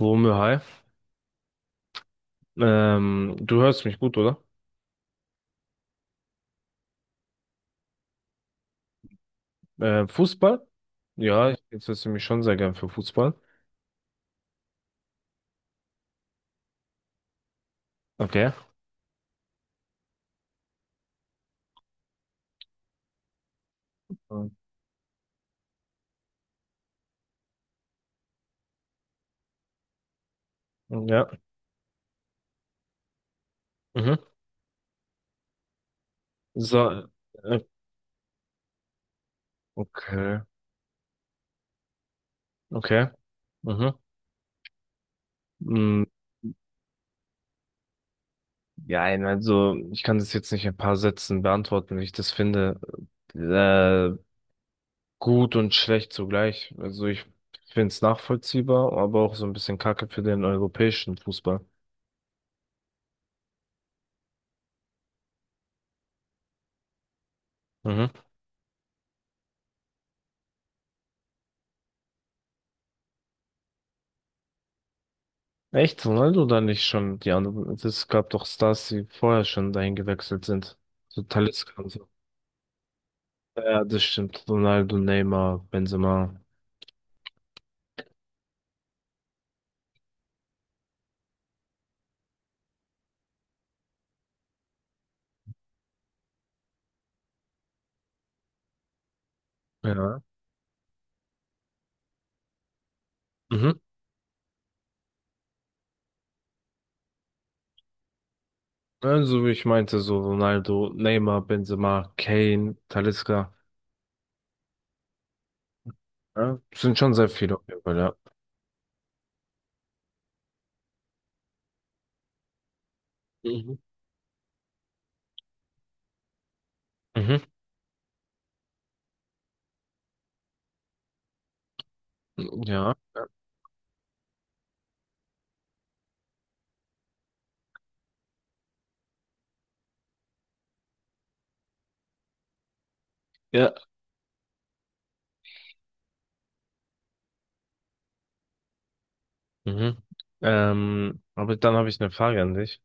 Womö, hi. Du hörst mich gut, oder? Fußball? Ja, ich interessiere mich schon sehr gern für Fußball. Okay. Ähm, Ja. Mhm. So, äh, okay. Okay. Mhm. Mm. Ja, nein, also ich kann das jetzt nicht in ein paar Sätzen beantworten, wie ich das finde. Äh, gut und schlecht zugleich. Also ich finde es nachvollziehbar, aber auch so ein bisschen Kacke für den europäischen Fußball. Mhm. Echt, Ronaldo oder nicht schon die anderen? Es gab doch Stars, die vorher schon dahin gewechselt sind. So Talisca und so. Ja, ja, das stimmt. Ronaldo, Neymar, Benzema. Ja. Mhm. Also wie ich meinte, so Ronaldo, Neymar, Benzema, Kane, Talisca. Ja, sind schon sehr viele auf jeden Fall, ja. Mhm. Mhm. Ja. Ja. Mhm. Aber dann habe ich eine Frage an dich.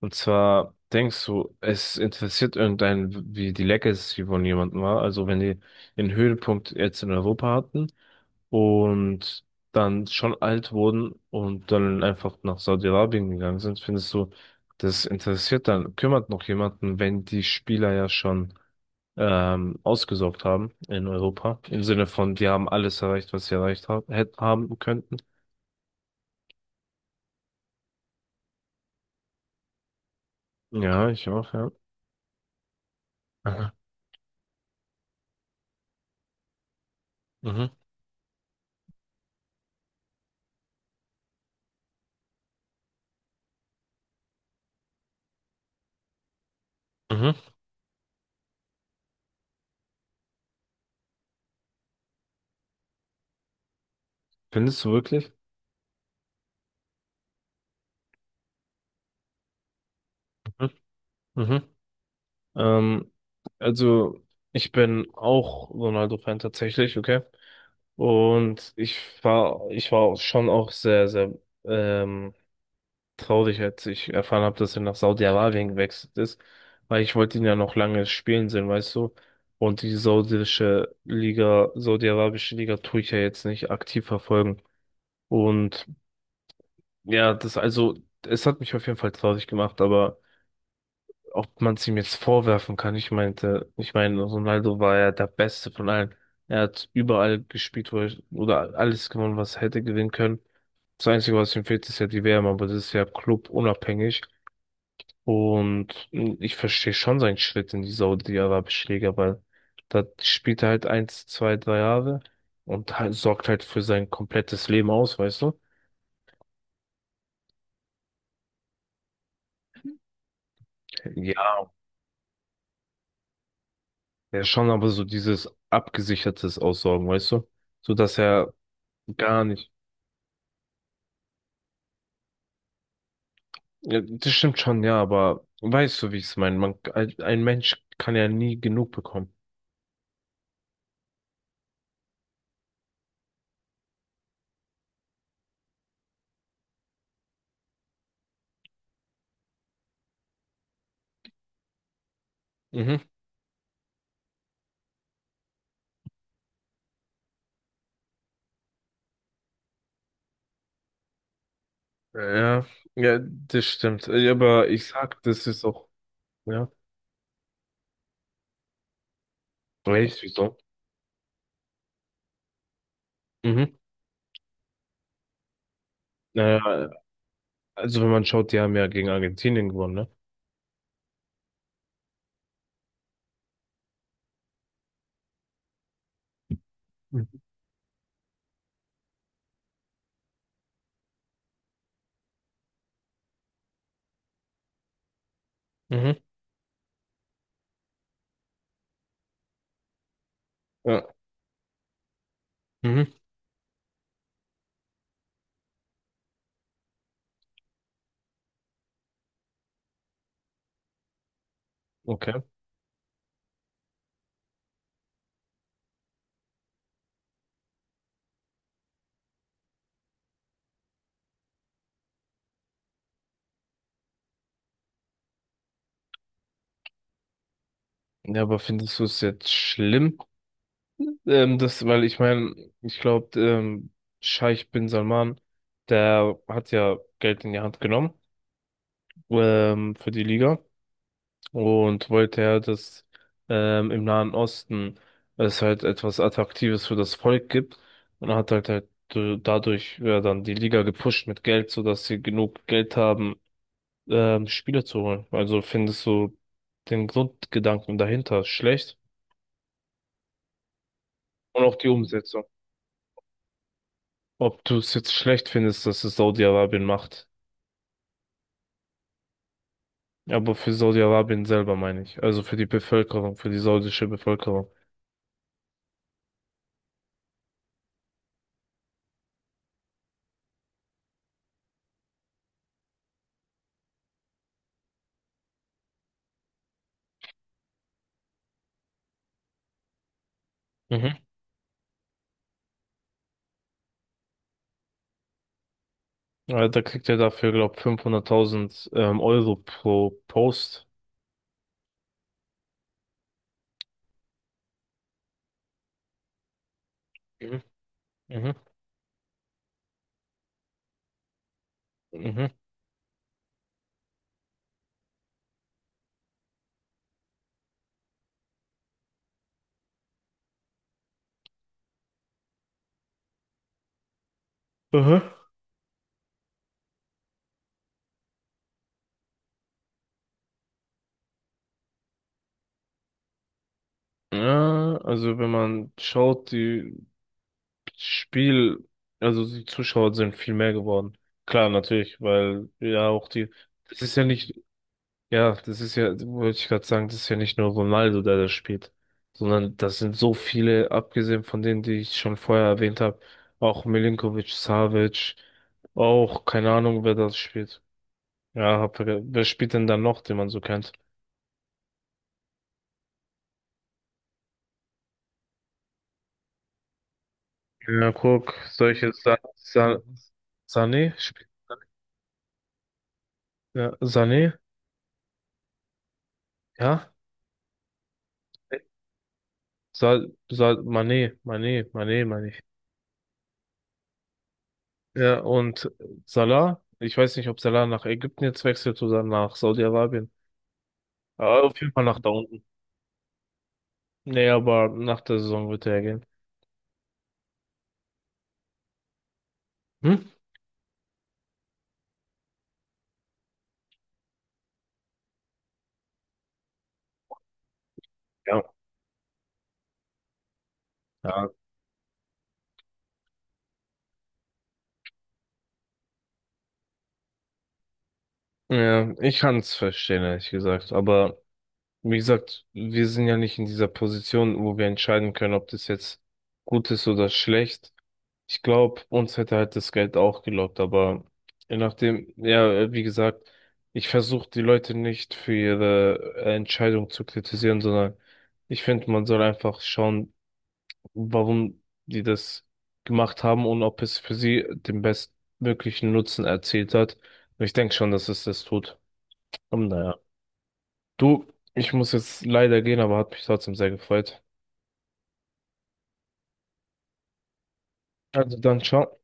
Und zwar denkst du, es interessiert irgendeinen, wie die Legacy von jemandem war. Also wenn die den Höhepunkt jetzt in Europa hatten und dann schon alt wurden und dann einfach nach Saudi-Arabien gegangen sind, findest du, das interessiert dann, kümmert noch jemanden, wenn die Spieler ja schon ausgesorgt haben in Europa. Im Sinne von, die haben alles erreicht, was sie erreicht haben könnten. Ja, ich auch, ja. Aha. Mhm. Mhm. Findest du wirklich? Mhm. Mhm. Ähm, also ich bin auch Ronaldo-Fan tatsächlich, okay? Und ich war auch schon auch sehr, sehr ähm, traurig, als ich erfahren habe, dass er nach Saudi-Arabien gewechselt ist, weil ich wollte ihn ja noch lange spielen sehen, weißt du? Und die saudische Liga, saudi-arabische Liga tue ich ja jetzt nicht aktiv verfolgen. Und ja, das also, es hat mich auf jeden Fall traurig gemacht, aber ob man es ihm jetzt vorwerfen kann. Ich meine, Ronaldo war ja der Beste von allen. Er hat überall gespielt, wo er, oder alles gewonnen, was er hätte gewinnen können. Das Einzige, was ihm fehlt, ist ja die WM, aber das ist ja clubunabhängig. Und ich verstehe schon seinen Schritt in die Saudi-Arabische Liga, weil da spielt er halt eins, zwei, 3 Jahre und halt, sorgt halt für sein komplettes Leben aus, weißt du? Ja, ja schon, aber so dieses abgesichertes Aussorgen, weißt du? So dass er gar nicht. Ja, das stimmt schon, ja, aber weißt du, wie ich es meine? Man, ein Mensch kann ja nie genug bekommen. Mhm. Ja, ja, das stimmt. Ja, aber ich sag, das ist auch. Ja, weißt du, wieso? Mhm. Äh, also, wenn man schaut, die haben ja gegen Argentinien gewonnen, ne? Mhm. Mhm. Ja. Mhm. Okay. Ja, aber findest du es jetzt schlimm? Das, weil ich meine, ich glaube, Scheich bin Salman, der hat ja Geld in die Hand genommen, für die Liga. Und wollte ja, dass im Nahen Osten es halt etwas Attraktives für das Volk gibt. Und hat halt dadurch ja, dann die Liga gepusht mit Geld, sodass sie genug Geld haben, Spieler zu holen. Also findest du den Grundgedanken dahinter schlecht und auch die Umsetzung. Ob du es jetzt schlecht findest, dass es Saudi-Arabien macht. Aber für Saudi-Arabien selber meine ich. Also für die Bevölkerung, für die saudische Bevölkerung. Mhm. Da kriegt er dafür, glaube 500.000 Euro pro Post. Mhm. Mhm. Mhm. Aha. Ja, also wenn man schaut, die Spiel, also die Zuschauer sind viel mehr geworden. Klar, natürlich, weil ja auch die, das ist ja nicht, ja, das ist ja, wollte ich gerade sagen, das ist ja nicht nur Ronaldo, der das spielt, sondern das sind so viele, abgesehen von denen, die ich schon vorher erwähnt habe, auch Milinkovic, Savic, auch keine Ahnung, wer das spielt. Ja, wer spielt denn da noch, den man so kennt? Ja, guck, solche Sa Sa Sané, ja, Sané, ja, Sa Sa Mané, meine ich. Ja, und Salah, ich weiß nicht, ob Salah nach Ägypten jetzt wechselt oder nach Saudi-Arabien. Aber auf jeden Fall nach da unten. Nee, aber nach der Saison wird er gehen. Hm? Ja. Ja, ja, ich kann es verstehen, ehrlich gesagt, aber wie gesagt, wir sind ja nicht in dieser Position, wo wir entscheiden können, ob das jetzt gut ist oder schlecht. Ich glaube, uns hätte halt das Geld auch gelockt, aber je nachdem, ja, wie gesagt, ich versuche die Leute nicht für ihre Entscheidung zu kritisieren, sondern ich finde, man soll einfach schauen, warum die das gemacht haben und ob es für sie den bestmöglichen Nutzen erzielt hat. Und ich denke schon, dass es das tut. Und naja. Du, ich muss jetzt leider gehen, aber hat mich trotzdem sehr gefreut. Also dann, ciao.